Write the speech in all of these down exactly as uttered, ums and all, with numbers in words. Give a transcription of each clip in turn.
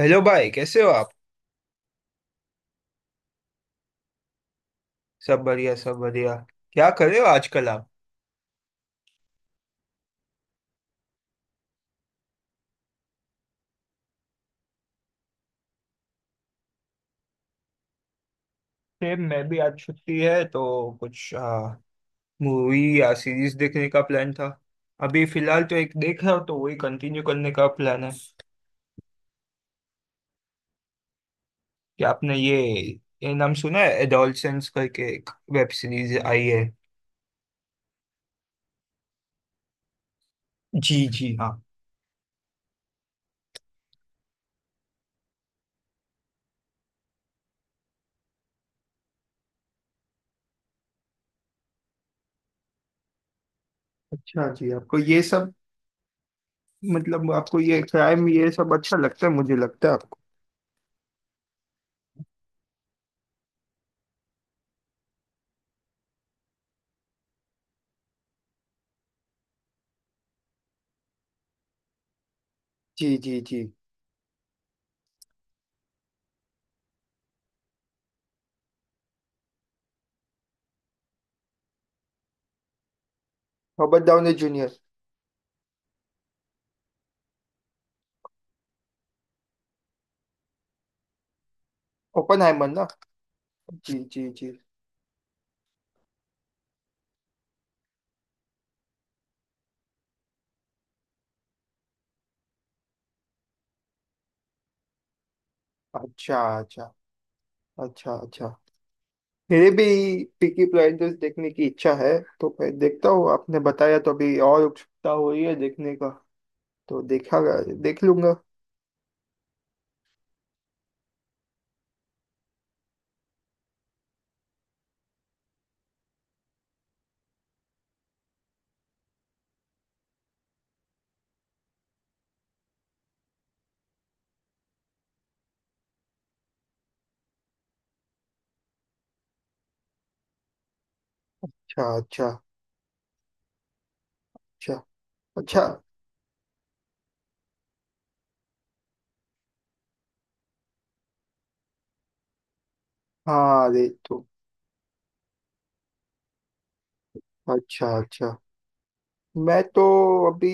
Hello भाई, कैसे हो आप। सब बढ़िया, सब बढ़िया। क्या कर रहे हो आजकल आप। फिर मैं भी आज छुट्टी है तो कुछ मूवी या सीरीज देखने का प्लान था। अभी फिलहाल तो एक देख रहा हूँ तो वही कंटिन्यू करने का प्लान है। कि आपने ये ये नाम सुना है, एडोलसेंस करके एक वेब सीरीज आई है। जी जी हाँ। अच्छा जी, आपको ये सब मतलब आपको ये क्राइम ये सब अच्छा लगता है, मुझे लगता है आपको। जी जी जी। Robert Downey Junior. ओपनहाइमर ना। जी जी जी। अच्छा अच्छा। अच्छा अच्छा। मेरे भी पीकी ब्लाइंडर्स देखने की इच्छा है। तो मैं देखता हूँ, आपने बताया तो अभी और उत्सुकता हो रही है देखने का। तो देखा, देख लूंगा। अच्छा अच्छा। अच्छा अच्छा। हाँ, अरे तो। अच्छा अच्छा। मैं तो अभी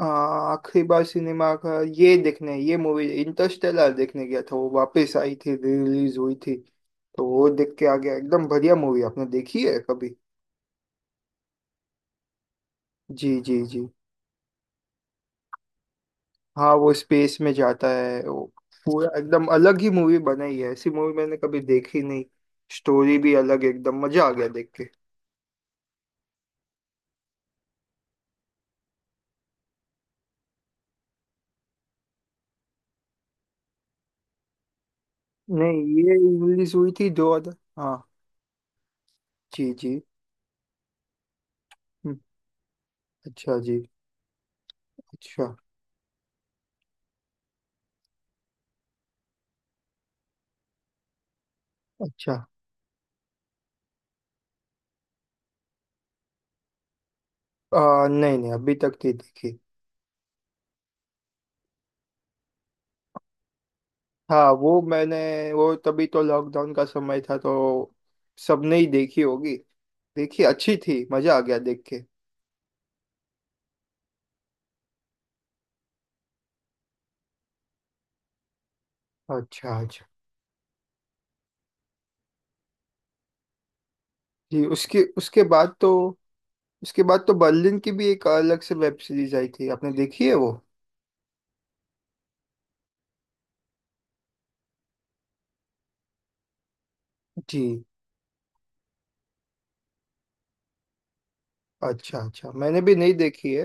आ, आखिरी बार सिनेमा का ये देखने, ये मूवी इंटरस्टेलर देखने गया था, वो वापस आई थी, रिलीज हुई थी। तो वो देख के आ गया, एकदम बढ़िया मूवी। आपने देखी है कभी। जी जी जी। हाँ, वो स्पेस में जाता है वो, पूरा एकदम अलग ही मूवी बनाई है, ऐसी मूवी मैंने कभी देखी नहीं। स्टोरी भी अलग, एकदम मजा आ गया देख के। नहीं ये रिलीज हुई थी दो हज़ार। हाँ। जी जी। हम्म। अच्छा जी। अच्छा अच्छा। आ, नहीं नहीं, अभी तक नहीं देखी। हाँ वो मैंने, वो तभी तो लॉकडाउन का समय था, तो सबने ही देखी होगी। देखी, अच्छी थी, मजा आ गया देख के। अच्छा अच्छा जी। उसके उसके बाद तो उसके बाद तो बर्लिन की भी एक अलग से वेब सीरीज आई थी, आपने देखी है वो। जी। अच्छा अच्छा, मैंने भी नहीं देखी है,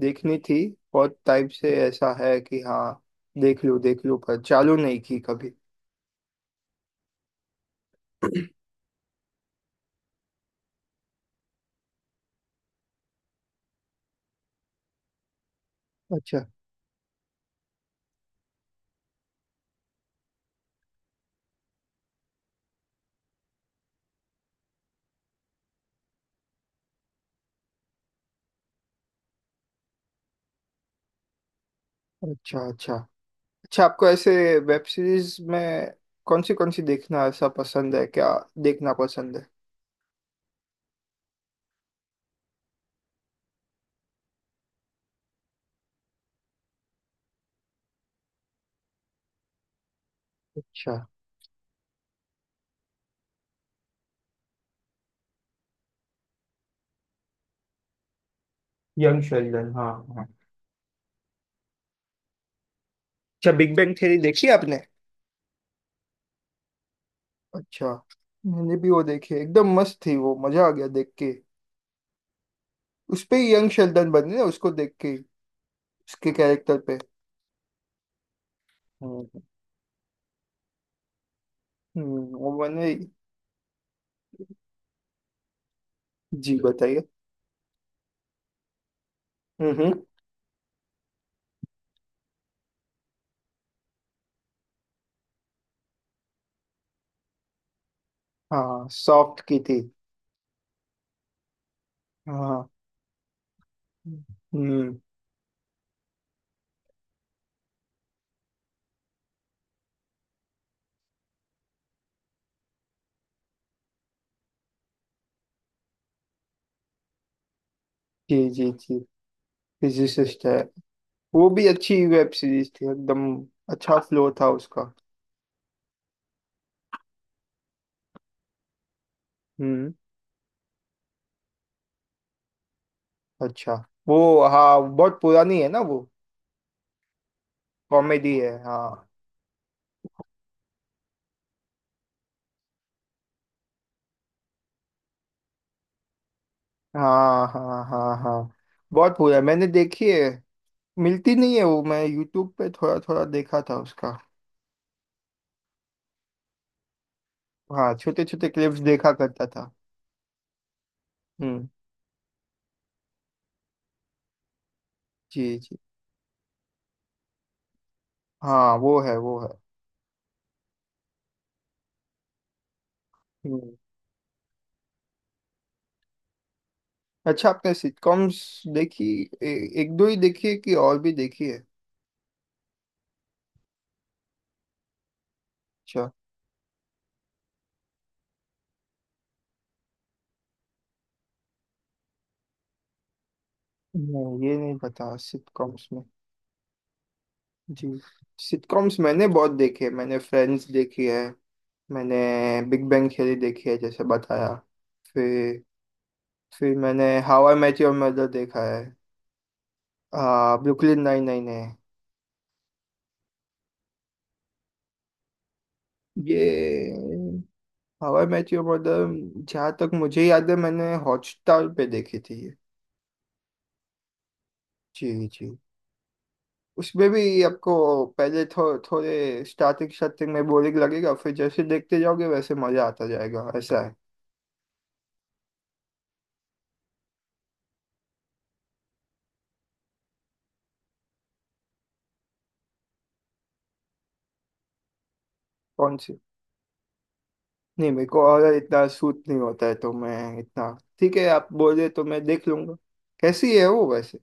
देखनी थी। बहुत टाइम से ऐसा है कि हाँ, देख लूँ देख लूँ, पर चालू नहीं की कभी। अच्छा अच्छा। अच्छा अच्छा, आपको ऐसे वेब सीरीज में कौन सी कौन सी देखना ऐसा पसंद है, क्या देखना पसंद है। अच्छा। यंग शेल्डन, हाँ। हाँ। अच्छा, बिग बैंग थ्योरी देखी आपने। अच्छा, मैंने भी वो देखी है, एकदम मस्त थी वो, मजा आ गया देख के। उस पे यंग शेल्डन बने ना, उसको देख के, उसके कैरेक्टर पे। हम्म हम्म, वो मैंने। जी, बताइए। हम्म हम्म, हाँ सॉफ्ट की थी। हाँ। हम्म। जी जी जी, फिजिसिस्ट है। वो भी अच्छी वेब सीरीज थी एकदम, अच्छा फ्लो था उसका। हम्म। अच्छा। वो। हाँ बहुत पुरानी है ना वो। कॉमेडी है, हाँ। हाँ हाँ हाँ। हाँ बहुत पूरा मैंने देखी है। मिलती नहीं है वो, मैं यूट्यूब पे थोड़ा थोड़ा देखा था उसका। हाँ, छोटे छोटे क्लिप्स देखा करता था। हम्म। जी जी। हाँ वो है वो है। हम्म। अच्छा, आपने सिटकॉम्स देखी, ए, एक दो ही देखी है कि और भी देखी है। अच्छा। नहीं ये नहीं पता सिटकॉम्स में। जी, सिटकॉम्स मैंने बहुत देखी है, मैंने फ्रेंड्स देखी है, मैंने बिग बैंग थ्योरी देखी है जैसे बताया। फिर फिर मैंने How I Met Your Mother देखा है। आ, ब्रुकलिन नाइन नाइन है। ये How I Met Your Mother, जहाँ तक मुझे याद है मैंने हॉटस्टार पे देखी थी ये। जी जी। उसमें भी आपको पहले थो, थोड़े स्टार्टिंग स्टार्टिंग में बोरिंग लगेगा, फिर जैसे देखते जाओगे वैसे मजा आता जाएगा, ऐसा है। कौन सी। नहीं मेरे को और इतना सूट नहीं होता है तो मैं इतना। ठीक है, आप बोले तो मैं देख लूंगा, कैसी है वो वैसे।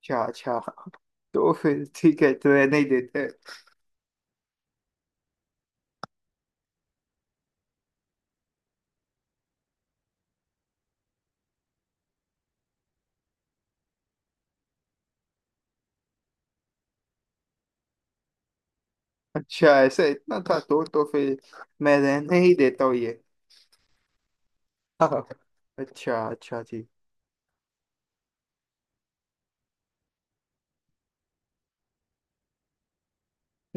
अच्छा अच्छा। तो फिर ठीक है, तो रहने ही देते हैं। अच्छा, ऐसा इतना था तो तो फिर मैं रहने ही देता हूँ ये। हाँ। अच्छा अच्छा जी।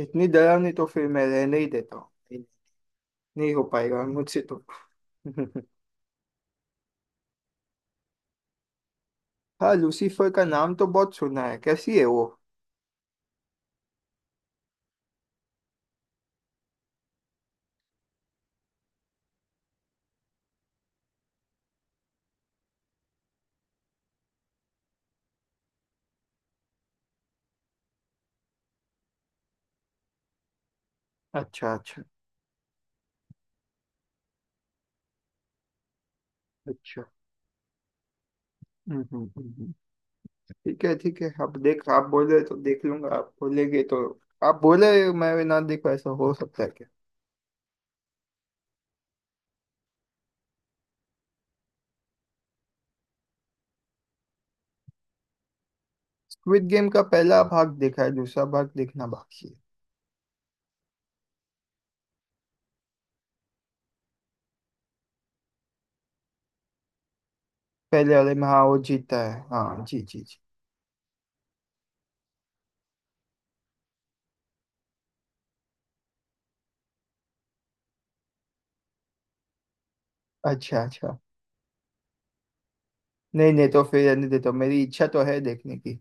इतनी डरावनी तो फिर मैं रहने ही देता हूँ, नहीं हो पाएगा मुझसे तो। हाँ, लूसीफर का नाम तो बहुत सुना है, कैसी है वो। अच्छा अच्छा। अच्छा। हम्म हम्म हम्म, हम्म। ठीक है, ठीक है, अब देख आप बोल रहे तो देख लूंगा, आप बोलेंगे तो आप बोले, मैं भी ना देखा, ऐसा हो सकता है क्या। स्क्विड गेम का पहला भाग देखा है, दूसरा भाग देखना बाकी है। पहले वाले में हाँ वो जीतता है, हाँ। जी जी जी। अच्छा अच्छा। नहीं नहीं, तो फिर रहने देता हूँ। मेरी इच्छा तो है देखने की।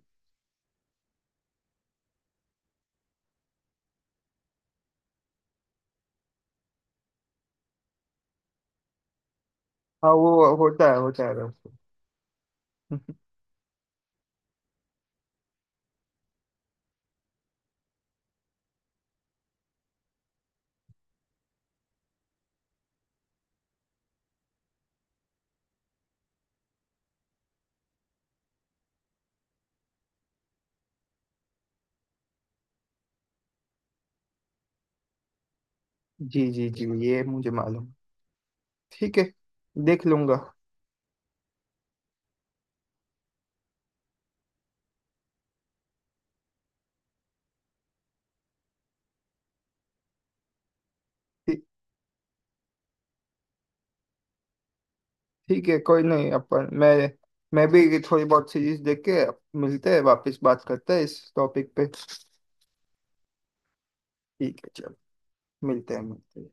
हाँ वो होता है होता है वैसे। जी जी जी, ये मुझे मालूम। ठीक है, देख लूंगा। ठी- ठीक है, कोई नहीं अपन, मैं मैं भी थोड़ी बहुत सीरीज देख के मिलते हैं, वापस बात करते हैं इस टॉपिक पे। ठीक है चलो। मिलते हैं, मिलते हैं।